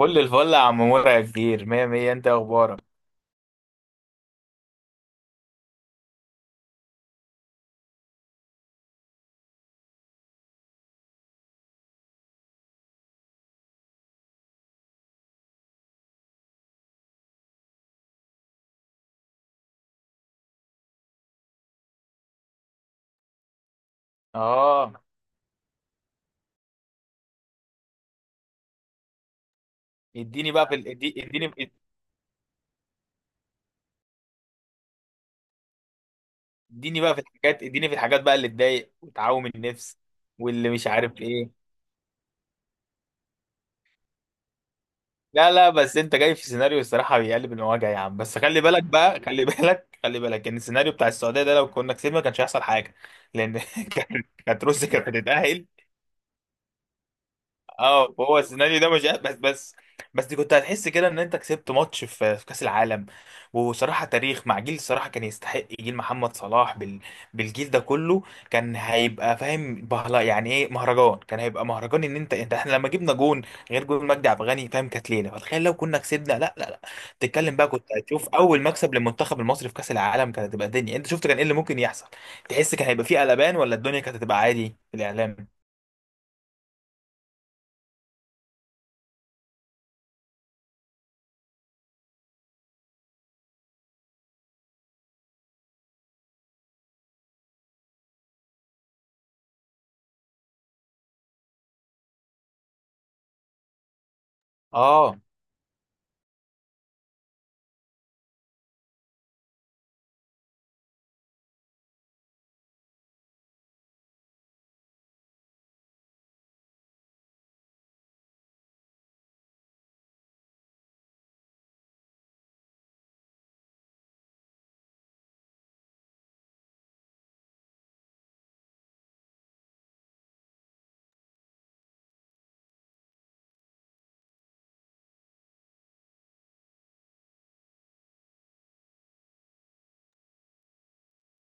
كل الفل يا عم مرعي، يا كبير، مية مية. انت إيه اخبارك؟ اه. اديني بقى في ال... ادي- اديني اديني بقى في الحاجات، اديني في الحاجات بقى اللي تضايق وتعوم النفس واللي مش عارف ايه. لا لا، بس انت جاي في سيناريو الصراحة بيقلب المواجع يا عم. بس خلي بالك بقى، خلي بالك، خلي بالك ان السيناريو بتاع السعودية ده لو كنا كسبنا ما كانش هيحصل حاجة. لان كانت روسيا كانت هتتأهل. اه، هو السيناريو ده مش بس. بس دي كنت هتحس كده ان انت كسبت ماتش في كاس العالم. وصراحه تاريخ مع جيل الصراحه كان يستحق، جيل محمد صلاح بالجيل ده كله كان هيبقى فاهم بهلا يعني ايه مهرجان. كان هيبقى مهرجان ان انت، احنا لما جبنا جون غير جون مجدي عبد الغني، فاهم، كانت ليله. فتخيل لو كنا كسبنا. لا لا لا، تتكلم بقى، كنت هتشوف اول مكسب للمنتخب المصري في كاس العالم، كانت هتبقى الدنيا. انت شفت كان ايه اللي ممكن يحصل. تحس كان هيبقى فيه قلبان، ولا الدنيا كانت هتبقى عادي في الاعلام؟ اه،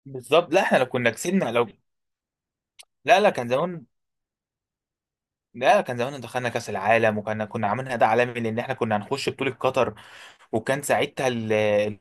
بالظبط. لا احنا لو كنا كسبنا، لو. لا لا، كان زمان. ده كان زمان دخلنا كاس العالم، وكنا كنا عاملينها ده عالمي. لان احنا كنا هنخش بطوله قطر وكان ساعتها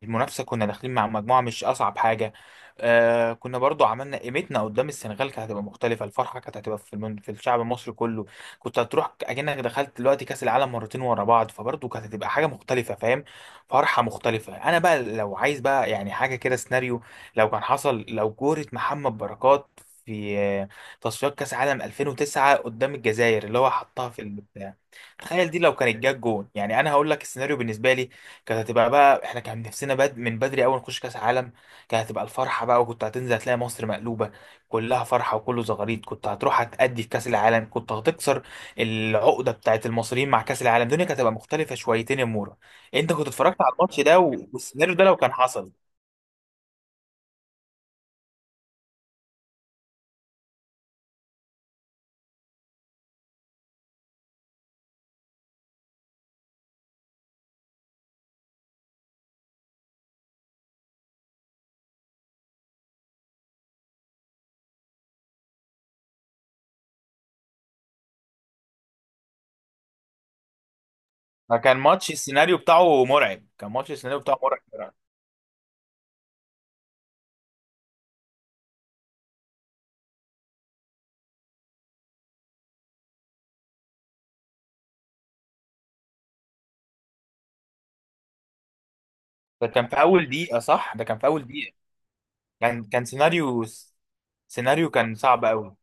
المنافسه كنا داخلين مع مجموعه مش اصعب حاجه. كنا برضو عملنا قيمتنا قدام السنغال، كانت هتبقى مختلفه. الفرحه كانت هتبقى في الشعب المصري كله. كنت هتروح اكنك دخلت دلوقتي كاس العالم مرتين ورا بعض، فبرضو كانت هتبقى حاجه مختلفه، فاهم، فرحه مختلفه. انا بقى لو عايز بقى يعني حاجه كده سيناريو لو كان حصل، لو كوره محمد بركات في تصفيات كاس عالم 2009 قدام الجزائر اللي هو حطها في البتاع، تخيل دي لو كانت جت جون. يعني انا هقول لك السيناريو بالنسبه لي، كانت هتبقى بقى احنا كان نفسنا من بدري اول نخش كاس عالم، كانت هتبقى الفرحه بقى. وكنت هتنزل هتلاقي مصر مقلوبه كلها فرحه وكله زغاريد. كنت هتروح هتأدي في كاس العالم، كنت هتكسر العقده بتاعت المصريين مع كاس العالم. الدنيا كانت هتبقى مختلفه شويتين يا مورا. انت كنت اتفرجت على الماتش ده والسيناريو ده لو كان حصل. فكان ماتش السيناريو بتاعه مرعب، كان ماتش السيناريو بتاعه مرعب. ده كان في اول دقيقه، صح، ده كان في اول دقيقه. كان سيناريو، سيناريو كان صعب قوي.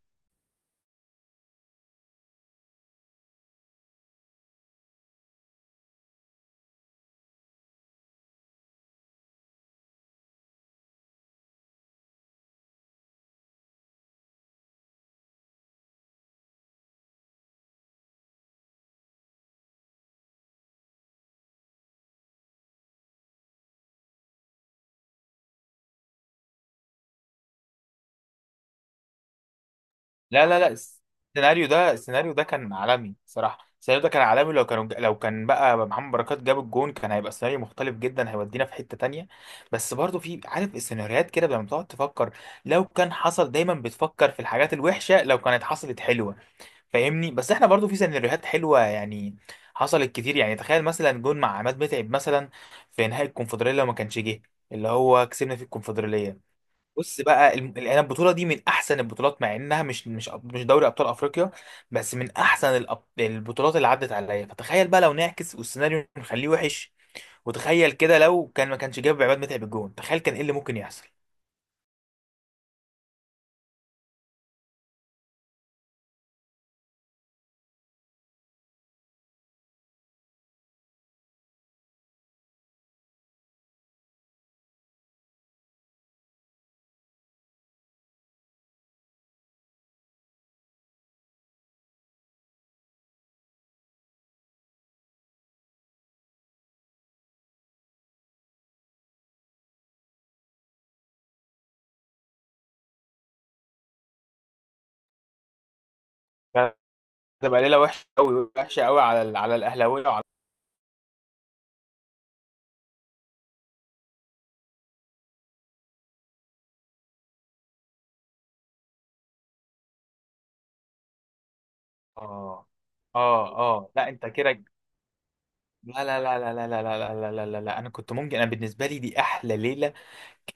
لا لا لا، السيناريو ده، السيناريو ده كان عالمي صراحه، السيناريو ده كان عالمي. لو كان بقى محمد بركات جاب الجون، كان هيبقى سيناريو مختلف جدا، هيودينا في حته تانية. بس برضو في، عارف، السيناريوهات كده لما تقعد تفكر لو كان حصل، دايما بتفكر في الحاجات الوحشه لو كانت حصلت حلوه. فاهمني؟ بس احنا برضو في سيناريوهات حلوه يعني حصلت كتير. يعني تخيل مثلا جون مع عماد متعب مثلا في نهائي الكونفدراليه، لو ما كانش جه، اللي هو كسبنا في الكونفدراليه. بص بقى يعني انا البطوله دي من احسن البطولات، مع انها مش مش دوري ابطال افريقيا، بس من احسن البطولات اللي عدت عليا. فتخيل بقى لو نعكس والسيناريو نخليه وحش، وتخيل كده لو كان ما كانش جاب عماد متعب الجون، تخيل كان ايه اللي ممكن يحصل. كانت هتبقى ليله وحشه قوي، وحشه قوي على على الاهلاويه وعلى. اه اه اه، لا انت كده. لا لا لا لا لا لا لا لا لا لا لا، انا كنت ممكن، انا بالنسبه لي دي احلى ليله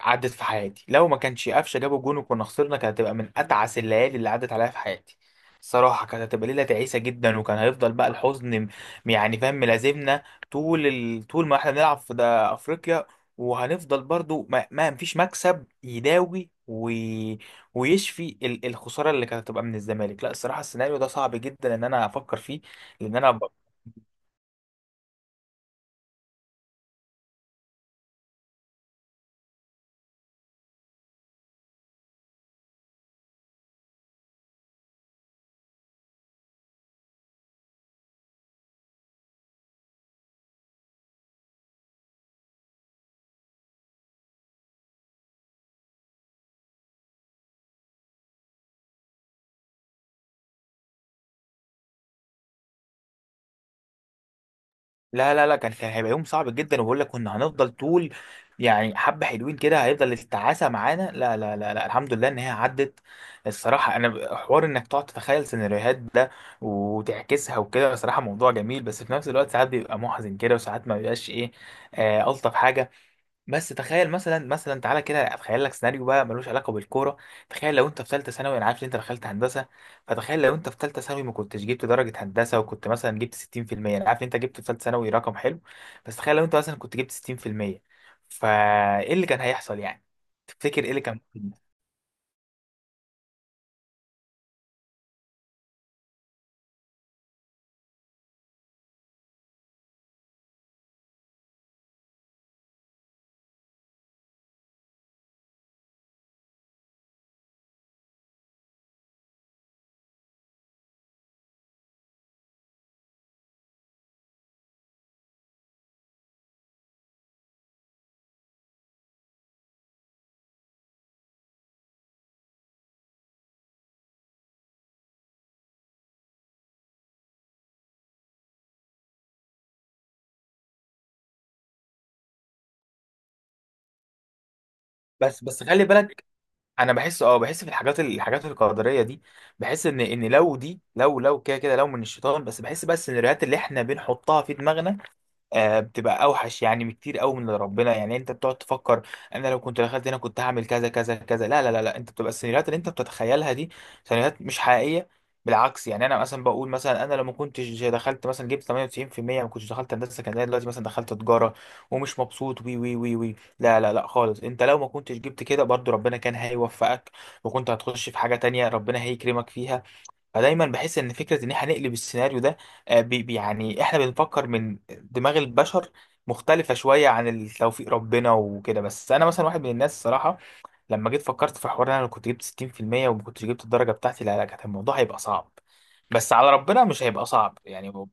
عدت في حياتي. لو ما كانش قفشه جابوا جون وكنا خسرنا، كانت هتبقى من اتعس الليالي اللي عدت عليا في حياتي صراحه. كانت هتبقى ليله تعيسه جدا، وكان هيفضل بقى الحزن يعني، فاهم، ملازمنا طول ما احنا بنلعب في ده افريقيا. وهنفضل برضو ما فيش مكسب يداوي و... ويشفي الخساره اللي كانت هتبقى من الزمالك. لا الصراحه، السيناريو ده صعب جدا ان انا افكر فيه. لان انا لا لا لا، كان هيبقى يوم صعب جدا. وبقول لك كنا هنفضل طول يعني حبة حلوين كده هيفضل التعاسة معانا. لا لا لا لا، الحمد لله ان هي عدت. الصراحة انا حوار انك تقعد تتخيل سيناريوهات ده وتعكسها وكده، صراحة موضوع جميل، بس في نفس الوقت ساعات بيبقى محزن كده وساعات ما بيبقاش ايه، آه الطف حاجة. بس تخيل مثلا، تعالى كده اتخيل لك سيناريو بقى ملوش علاقه بالكوره. تخيل لو انت في ثالثه ثانوي، انا عارف ان انت دخلت هندسه، فتخيل لو انت في ثالثه ثانوي ما كنتش جبت درجه هندسه وكنت مثلا جبت 60%. انا عارف ان انت جبت في ثالثه ثانوي رقم حلو، بس تخيل لو انت مثلا كنت جبت 60%، فايه اللي كان هيحصل يعني؟ تفتكر ايه اللي كان ممكن يحصل؟ بس خلي بالك، انا بحس، بحس في الحاجات، القدريه دي. بحس ان لو دي، لو كده لو من الشيطان. بس بحس بس ان السيناريوهات اللي احنا بنحطها في دماغنا بتبقى اوحش يعني بكتير قوي من اللي ربنا. يعني انت بتقعد تفكر، انا لو كنت دخلت هنا كنت هعمل كذا كذا كذا. لا لا لا لا، انت بتبقى السيناريوهات اللي انت بتتخيلها دي سيناريوهات مش حقيقيه. بالعكس، يعني انا مثلا بقول، مثلا انا لو ما كنتش دخلت، مثلا جبت 98%، ما كنتش دخلت هندسه، كان زمان دلوقتي مثلا دخلت تجاره ومش مبسوط، وي وي وي وي. لا لا لا خالص، انت لو ما كنتش جبت كده برضو ربنا كان هيوفقك وكنت هتخش في حاجه تانية ربنا هيكرمك فيها. فدايما بحس ان فكره ان احنا نقلب السيناريو ده يعني احنا بنفكر من دماغ البشر مختلفه شويه عن التوفيق ربنا وكده. بس انا مثلا واحد من الناس الصراحه، لما جيت فكرت في حوار إن انا لو كنت جبت 60% وما كنتش جبت الدرجه بتاعتي، لا لا كان الموضوع هيبقى صعب، بس على ربنا مش هيبقى صعب. يعني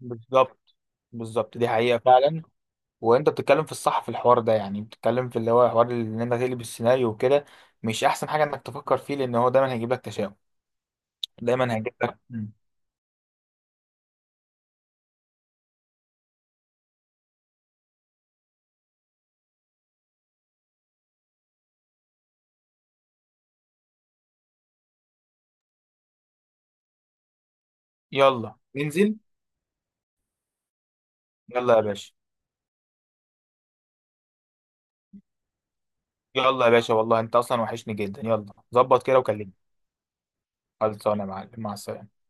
بالظبط، بالظبط. دي حقيقه فعلا. وانت بتتكلم في الصح في الحوار ده، يعني بتتكلم في اللي هو حوار ان انت تقلب السيناريو وكده مش احسن حاجه انك تفكر فيه، لان هو دايما هيجيب لك تشاؤم. دايما هيجيب لك. يلا ننزل. يلا يا باشا. يلا يا باشا، والله انت اصلا وحشني جدا. يلا، ظبط كده وكلمني. خلصانه يا معلم، مع السلامه.